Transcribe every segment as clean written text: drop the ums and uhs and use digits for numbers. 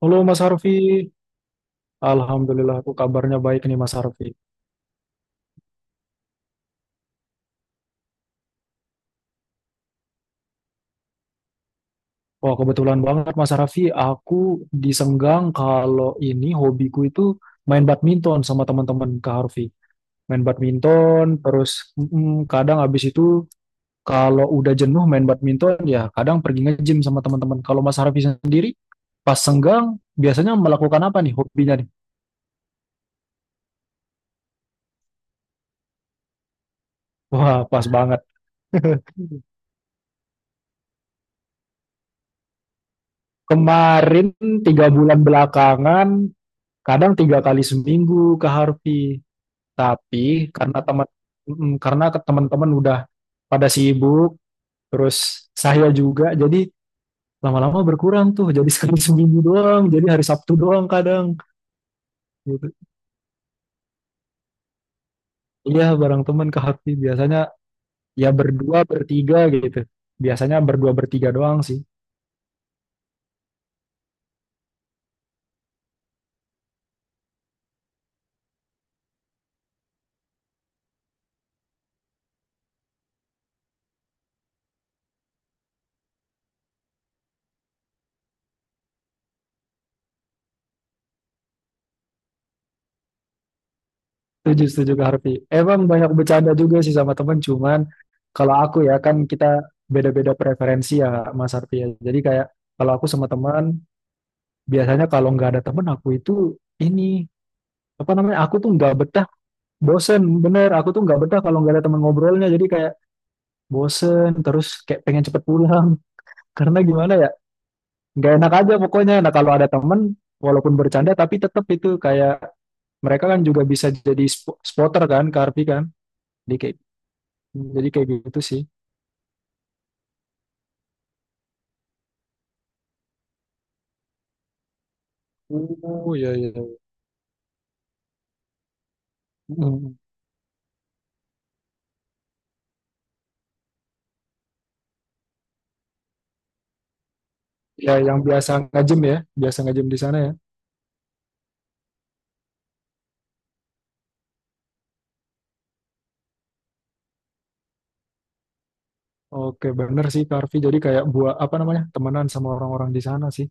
Halo Mas Harfi, Alhamdulillah aku kabarnya baik nih Mas Harfi. Wah kebetulan banget Mas Harfi, aku disenggang kalau ini hobiku itu main badminton sama teman-teman Kak Harfi. Main badminton, terus kadang habis itu kalau udah jenuh main badminton ya kadang pergi nge-gym sama teman-teman. Kalau Mas Harfi sendiri pas senggang biasanya melakukan apa nih hobinya nih? Wah pas banget. Kemarin tiga bulan belakangan, kadang tiga kali seminggu ke Harvey. Tapi karena teman-teman udah pada sibuk, terus saya juga jadi lama-lama berkurang tuh. Jadi sekali seminggu doang, jadi hari Sabtu doang kadang gitu. Iya, bareng teman ke Hakti biasanya ya berdua bertiga gitu. Biasanya berdua bertiga doang sih. Setuju, setuju ke Harvey. Emang banyak bercanda juga sih sama temen, cuman kalau aku ya kan kita beda-beda preferensi ya Mas Harvey ya. Jadi kayak kalau aku sama teman, biasanya kalau nggak ada temen aku itu ini apa namanya aku tuh nggak betah bosen bener aku tuh nggak betah kalau nggak ada teman ngobrolnya jadi kayak bosen terus kayak pengen cepet pulang, karena gimana ya nggak enak aja pokoknya. Nah kalau ada temen walaupun bercanda tapi tetap itu kayak mereka kan juga bisa jadi spotter kan karpi kan, jadi kayak jadi kayak gitu sih. Oh iya iya. Mm. Ya yang biasa ngajem ya biasa ngajem di sana ya. Oke bener sih Karvi, jadi kayak buat apa namanya temenan sama orang-orang di sana sih.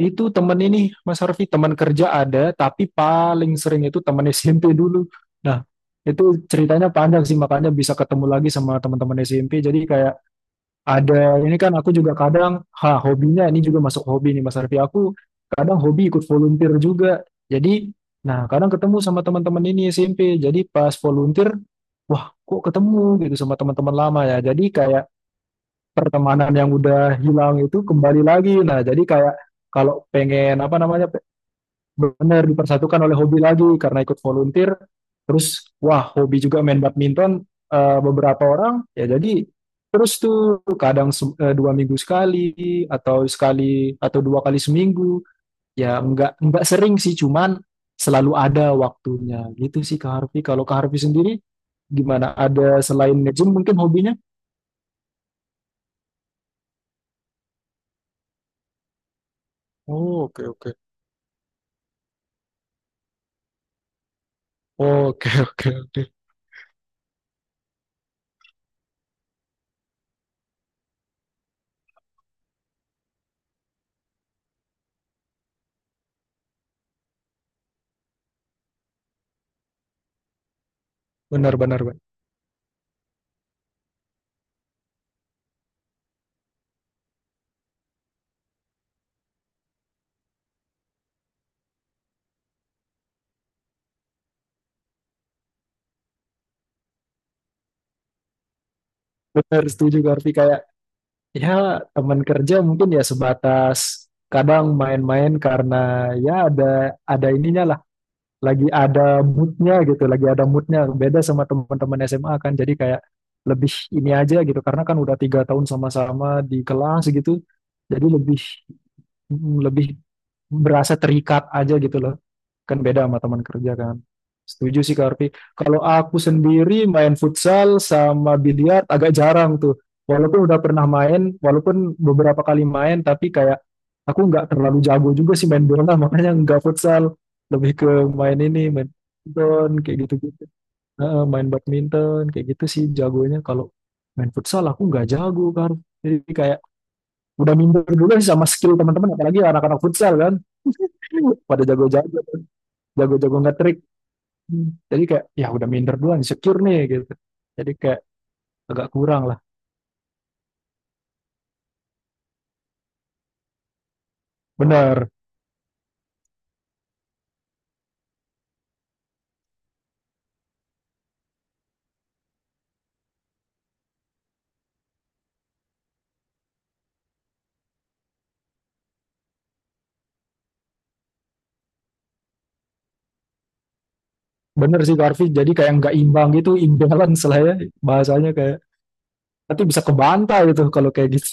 Itu temen ini, Mas Harfi, teman kerja ada, tapi paling sering itu teman SMP dulu. Nah, itu ceritanya panjang sih, makanya bisa ketemu lagi sama teman-teman SMP. Jadi kayak ada, ini kan aku juga kadang, ha, hobinya ini juga masuk hobi nih Mas Harfi. Aku kadang hobi ikut volunteer juga. Jadi, nah kadang ketemu sama teman-teman ini SMP. Jadi pas volunteer, wah kok ketemu gitu sama teman-teman lama ya. Jadi kayak pertemanan yang udah hilang itu kembali lagi. Nah, jadi kayak kalau pengen apa namanya benar dipersatukan oleh hobi lagi karena ikut volunteer. Terus wah hobi juga main badminton beberapa orang ya, jadi terus tuh kadang dua minggu sekali atau dua kali seminggu ya nggak sering sih cuman selalu ada waktunya gitu sih Kak Harfi. Kalau Kak Harfi sendiri gimana ada selain nge-gym mungkin hobinya? Oh, oke oke. Oke oke oke. Benar benar benar. Setuju Kak Harfi kayak, ya, teman kerja mungkin ya sebatas kadang main-main karena ya ada ininya lah, lagi ada moodnya gitu, lagi ada moodnya. Beda sama teman-teman SMA kan, jadi kayak lebih ini aja gitu, karena kan udah tiga tahun sama-sama di kelas gitu, jadi lebih lebih berasa terikat aja gitu loh. Kan beda sama teman kerja kan. Setuju sih Kak Arfi. Kalau aku sendiri main futsal sama biliar agak jarang tuh. Walaupun udah pernah main, walaupun beberapa kali main, tapi kayak aku nggak terlalu jago juga sih main bola, makanya nggak futsal. Lebih ke main ini, main badminton, kayak gitu-gitu. Heeh, main badminton, kayak gitu sih jagonya. Kalau main futsal aku nggak jago kan. Jadi kayak udah minder dulu sih sama skill teman-teman, apalagi anak-anak futsal kan. Pada jago-jago, jago-jago Hmm. Jadi kayak ya udah minder duluan, secure nih gitu. Jadi kayak agak kurang lah. Bener, bener sih Karvi. Jadi kayak nggak imbang gitu, imbalance lah ya bahasanya kayak. Nanti bisa kebanta gitu kalau kayak gitu.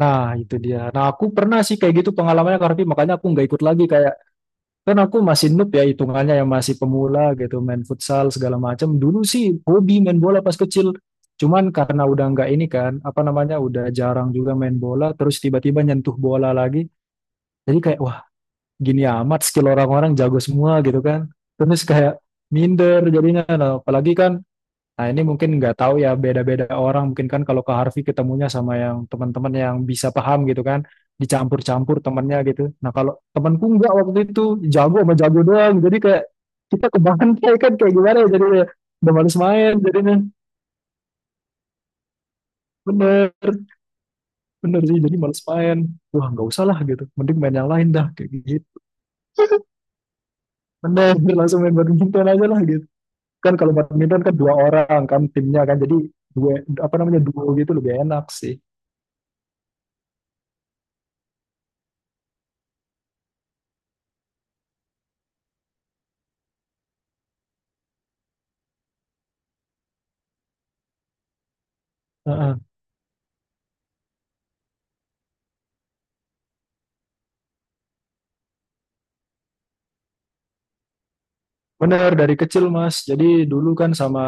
Nah itu dia. Nah aku pernah sih kayak gitu pengalamannya Karvi, makanya aku nggak ikut lagi kayak kan aku masih noob ya hitungannya ya masih pemula gitu main futsal segala macam. Dulu sih hobi main bola pas kecil. Cuman karena udah nggak ini kan, apa namanya, udah jarang juga main bola, terus tiba-tiba nyentuh bola lagi. Jadi kayak, wah gini amat skill orang-orang jago semua gitu kan. Terus kayak minder jadinya. Nah, apalagi kan, nah ini mungkin nggak tahu ya beda-beda orang. Mungkin kan kalau ke Harvey ketemunya sama yang teman-teman yang bisa paham gitu kan. Dicampur-campur temennya gitu. Nah kalau temanku nggak waktu itu jago sama jago doang. Jadi kayak kita kebantai kan kayak gimana ya jadinya. Udah males main jadinya. Bener, bener sih. Jadi males main. Wah nggak usah lah gitu. Mending main yang lain dah kayak gitu. Bener, langsung main badminton aja lah gitu. Kan kalau badminton kan dua orang kan timnya kan, jadi dua apa namanya duo gitu lebih enak sih. Heeh. Bener dari kecil mas, jadi dulu kan sama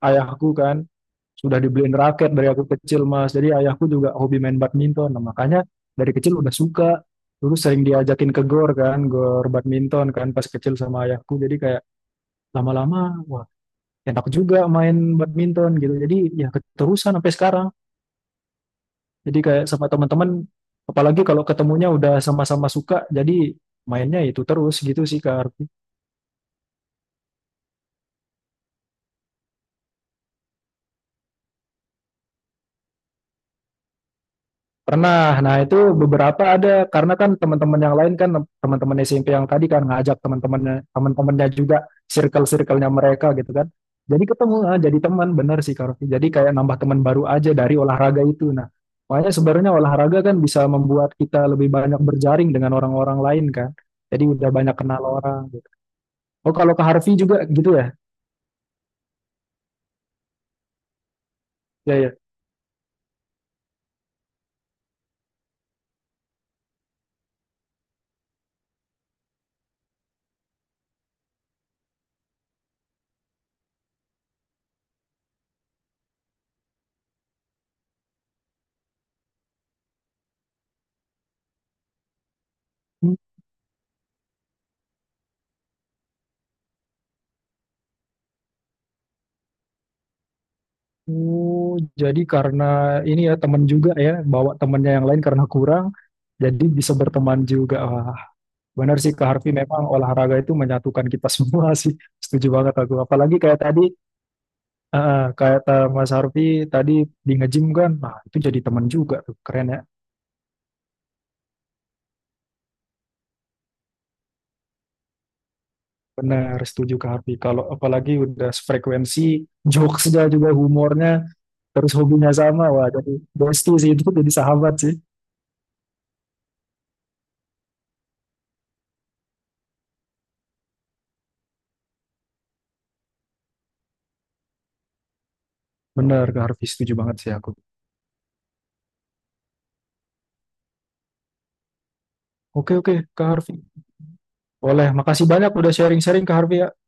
ayahku kan sudah dibeliin raket dari aku kecil mas, jadi ayahku juga hobi main badminton. Nah, makanya dari kecil udah suka, dulu sering diajakin ke gor kan, gor badminton kan pas kecil sama ayahku jadi kayak lama-lama, wah enak juga main badminton gitu, jadi ya keterusan sampai sekarang. Jadi kayak sama teman-teman, apalagi kalau ketemunya udah sama-sama suka, jadi mainnya itu terus gitu sih Kak Arfi. Pernah, nah itu beberapa ada, karena kan teman-teman yang lain kan, teman-teman SMP yang tadi kan ngajak teman-temannya, teman-temannya juga, circle-circle-nya mereka gitu kan. Jadi ketemu, ah, jadi teman, bener sih Kak Arfi. Jadi kayak nambah teman baru aja dari olahraga itu. Nah, makanya sebenarnya olahraga kan bisa membuat kita lebih banyak berjaring dengan orang-orang lain kan. Jadi udah banyak kenal orang gitu. Oh kalau ke Harvey juga gitu ya? Ya ya. Oh, jadi karena ini ya teman juga ya, bawa temennya yang lain karena kurang, jadi bisa berteman juga. Wah, benar sih Kak Harvey, memang olahraga itu menyatukan kita semua sih. Setuju banget aku. Apalagi kayak tadi, Mas Harvey tadi di nge-gym kan, nah itu jadi teman juga tuh, keren ya. Benar, setuju Kak Harvey. Kalau apalagi udah frekuensi, jokesnya juga humornya, terus hobinya sama, wah jadi bestie sih itu, jadi sahabat sih. Benar Kak Harvey, setuju banget sih aku. Oke oke Kak Harvey. Boleh, makasih banyak udah sharing-sharing Kak Harvey ya.